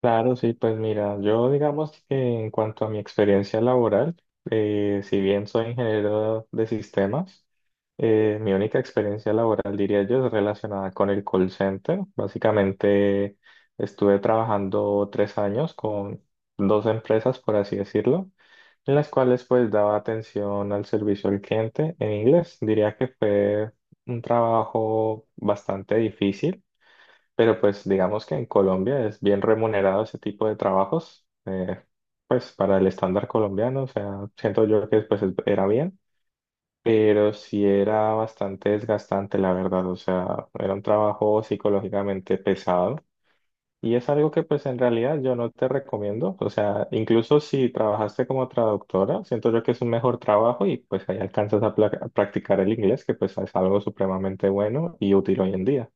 Claro, sí, pues mira, yo digamos que en cuanto a mi experiencia laboral, si bien soy ingeniero de sistemas, mi única experiencia laboral, diría yo, es relacionada con el call center. Básicamente estuve trabajando 3 años con dos empresas, por así decirlo, en las cuales pues daba atención al servicio al cliente en inglés. Diría que fue un trabajo bastante difícil, pero pues digamos que en Colombia es bien remunerado ese tipo de trabajos, pues para el estándar colombiano. O sea, siento yo que pues era bien, pero sí era bastante desgastante, la verdad. O sea, era un trabajo psicológicamente pesado y es algo que pues en realidad yo no te recomiendo. O sea, incluso si trabajaste como traductora, siento yo que es un mejor trabajo y pues ahí alcanzas a practicar el inglés, que pues es algo supremamente bueno y útil hoy en día.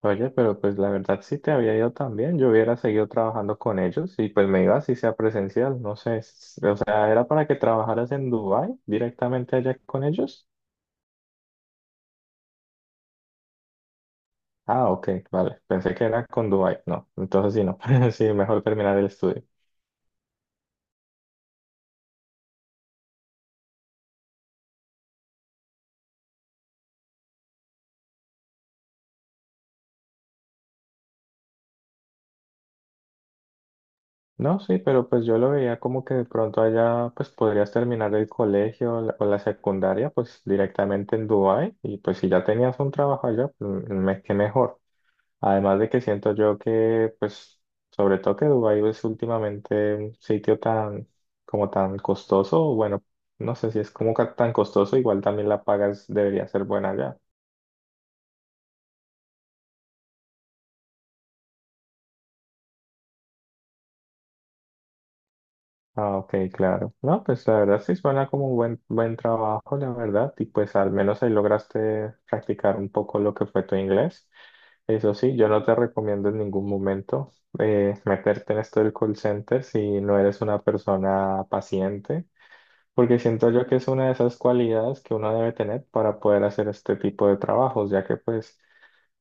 Oye, pero pues la verdad sí te había ido también. Yo hubiera seguido trabajando con ellos y pues me iba así sea presencial. No sé, o sea, era para que trabajaras en Dubai directamente allá con ellos. Ah, ok, vale. Pensé que era con Dubai. No, entonces sí, no. Sí, mejor terminar el estudio. No, sí, pero pues yo lo veía como que de pronto allá pues podrías terminar el colegio o la secundaria pues directamente en Dubai, y pues si ya tenías un trabajo allá, pues, qué mejor. Además de que siento yo que, pues, sobre todo que Dubái es últimamente un sitio tan, como tan costoso, bueno, no sé si es como tan costoso, igual también la pagas debería ser buena allá. Ah, ok, claro. No, pues la verdad sí suena como un buen, buen trabajo, la verdad, y pues al menos ahí lograste practicar un poco lo que fue tu inglés. Eso sí, yo no te recomiendo en ningún momento meterte en esto del call center si no eres una persona paciente. Porque siento yo que es una de esas cualidades que uno debe tener para poder hacer este tipo de trabajos, ya que pues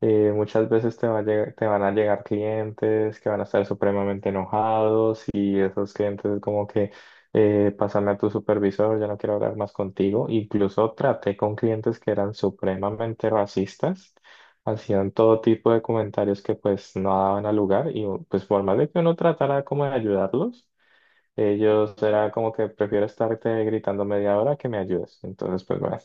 muchas veces te van a llegar clientes que van a estar supremamente enojados, y esos clientes es como que pásame a tu supervisor, ya no quiero hablar más contigo. Incluso traté con clientes que eran supremamente racistas, hacían todo tipo de comentarios que pues no daban a lugar, y pues por más de que uno tratara como de ayudarlos. Yo será como que prefiero estarte gritando media hora que me ayudes. Entonces, pues bueno.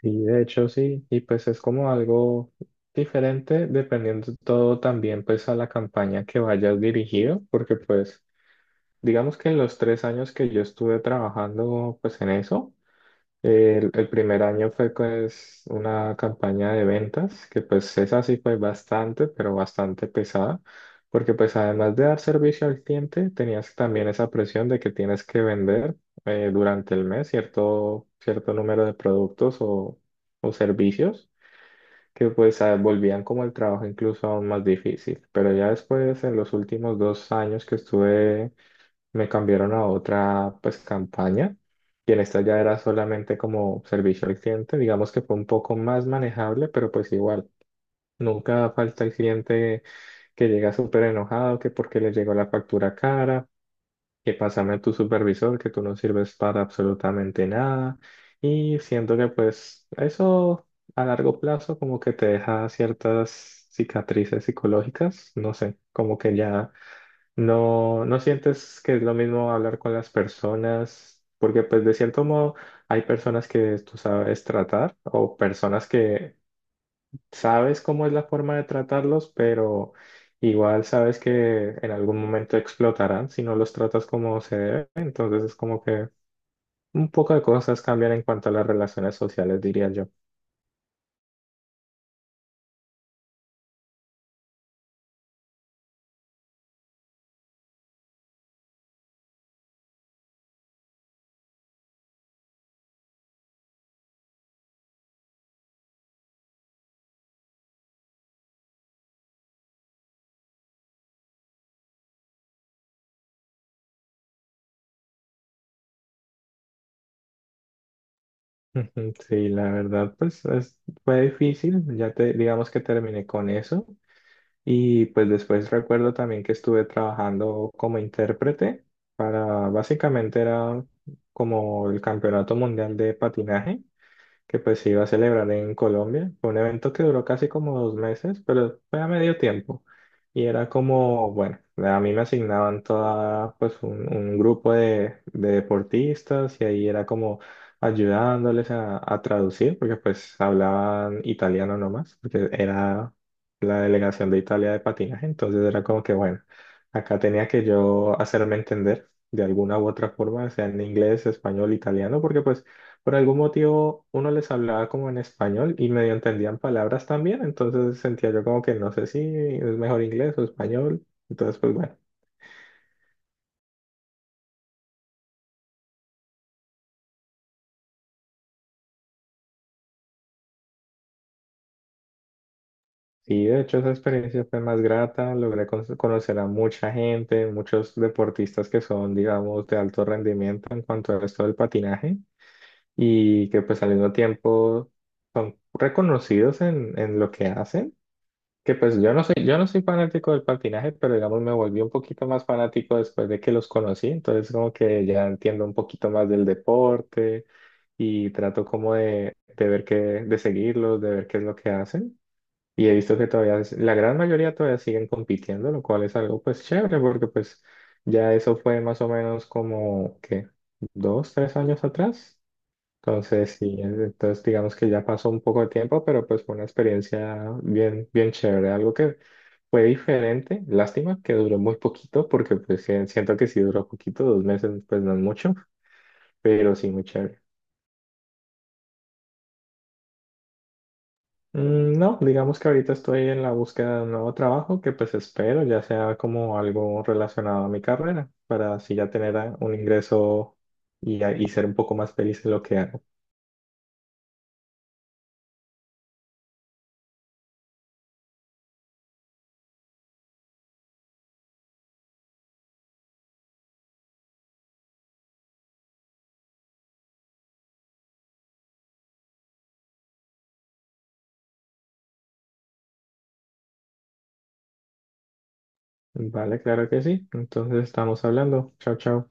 Sí, de hecho sí, y pues es como algo diferente dependiendo todo también pues a la campaña que vayas dirigido, porque pues digamos que en los 3 años que yo estuve trabajando pues en eso. El primer año fue pues una campaña de ventas que pues esa sí fue bastante, pero bastante pesada, porque pues además de dar servicio al cliente, tenías también esa presión de que tienes que vender durante el mes cierto, cierto número de productos o servicios que pues volvían como el trabajo incluso aún más difícil. Pero ya después, en los últimos 2 años que estuve me cambiaron a otra pues campaña, y en esta ya era solamente como servicio al cliente. Digamos que fue un poco más manejable, pero pues igual, nunca falta el cliente que llega súper enojado, que porque le llegó la factura cara, que pásame a tu supervisor, que tú no sirves para absolutamente nada, y siento que pues eso a largo plazo como que te deja ciertas cicatrices psicológicas, no sé, como que ya no, no sientes que es lo mismo hablar con las personas, porque pues de cierto modo hay personas que tú sabes tratar o personas que sabes cómo es la forma de tratarlos, pero igual sabes que en algún momento explotarán si no los tratas como se debe. Entonces es como que un poco de cosas cambian en cuanto a las relaciones sociales, diría yo. Ujú. Sí, la verdad, pues fue difícil. Ya te, digamos que terminé con eso. Y pues después recuerdo también que estuve trabajando como intérprete para, básicamente era como el Campeonato Mundial de Patinaje que pues se iba a celebrar en Colombia. Fue un evento que duró casi como 2 meses, pero fue a medio tiempo. Y era como, bueno, a mí me asignaban toda, pues un grupo de deportistas, y ahí era como ayudándoles a traducir, porque pues hablaban italiano nomás, porque era la delegación de Italia de patinaje. Entonces era como que, bueno, acá tenía que yo hacerme entender de alguna u otra forma, sea en inglés, español, italiano, porque pues por algún motivo uno les hablaba como en español y medio entendían palabras también, entonces sentía yo como que no sé si es mejor inglés o español. Entonces, pues bueno, sí, de hecho esa experiencia fue más grata, logré conocer a mucha gente, muchos deportistas que son, digamos, de alto rendimiento en cuanto al resto del patinaje, y que pues al mismo tiempo son reconocidos en lo que hacen. Que pues yo no soy fanático del patinaje, pero digamos me volví un poquito más fanático después de que los conocí, entonces como que ya entiendo un poquito más del deporte, y trato como de ver qué, de seguirlos, de ver qué es lo que hacen. Y he visto que todavía, la gran mayoría todavía siguen compitiendo, lo cual es algo pues chévere, porque pues ya eso fue más o menos como, ¿qué? Dos, tres años atrás. Entonces, sí, entonces digamos que ya pasó un poco de tiempo, pero pues fue una experiencia bien, bien chévere, algo que fue diferente. Lástima que duró muy poquito, porque pues sí, siento que sí duró poquito, 2 meses pues no es mucho, pero sí muy chévere. Mm, no, digamos que ahorita estoy en la búsqueda de un nuevo trabajo que pues espero ya sea como algo relacionado a mi carrera, para así ya tener un ingreso, y ser un poco más feliz en lo que hago. Vale, claro que sí, entonces estamos hablando, chao, chao.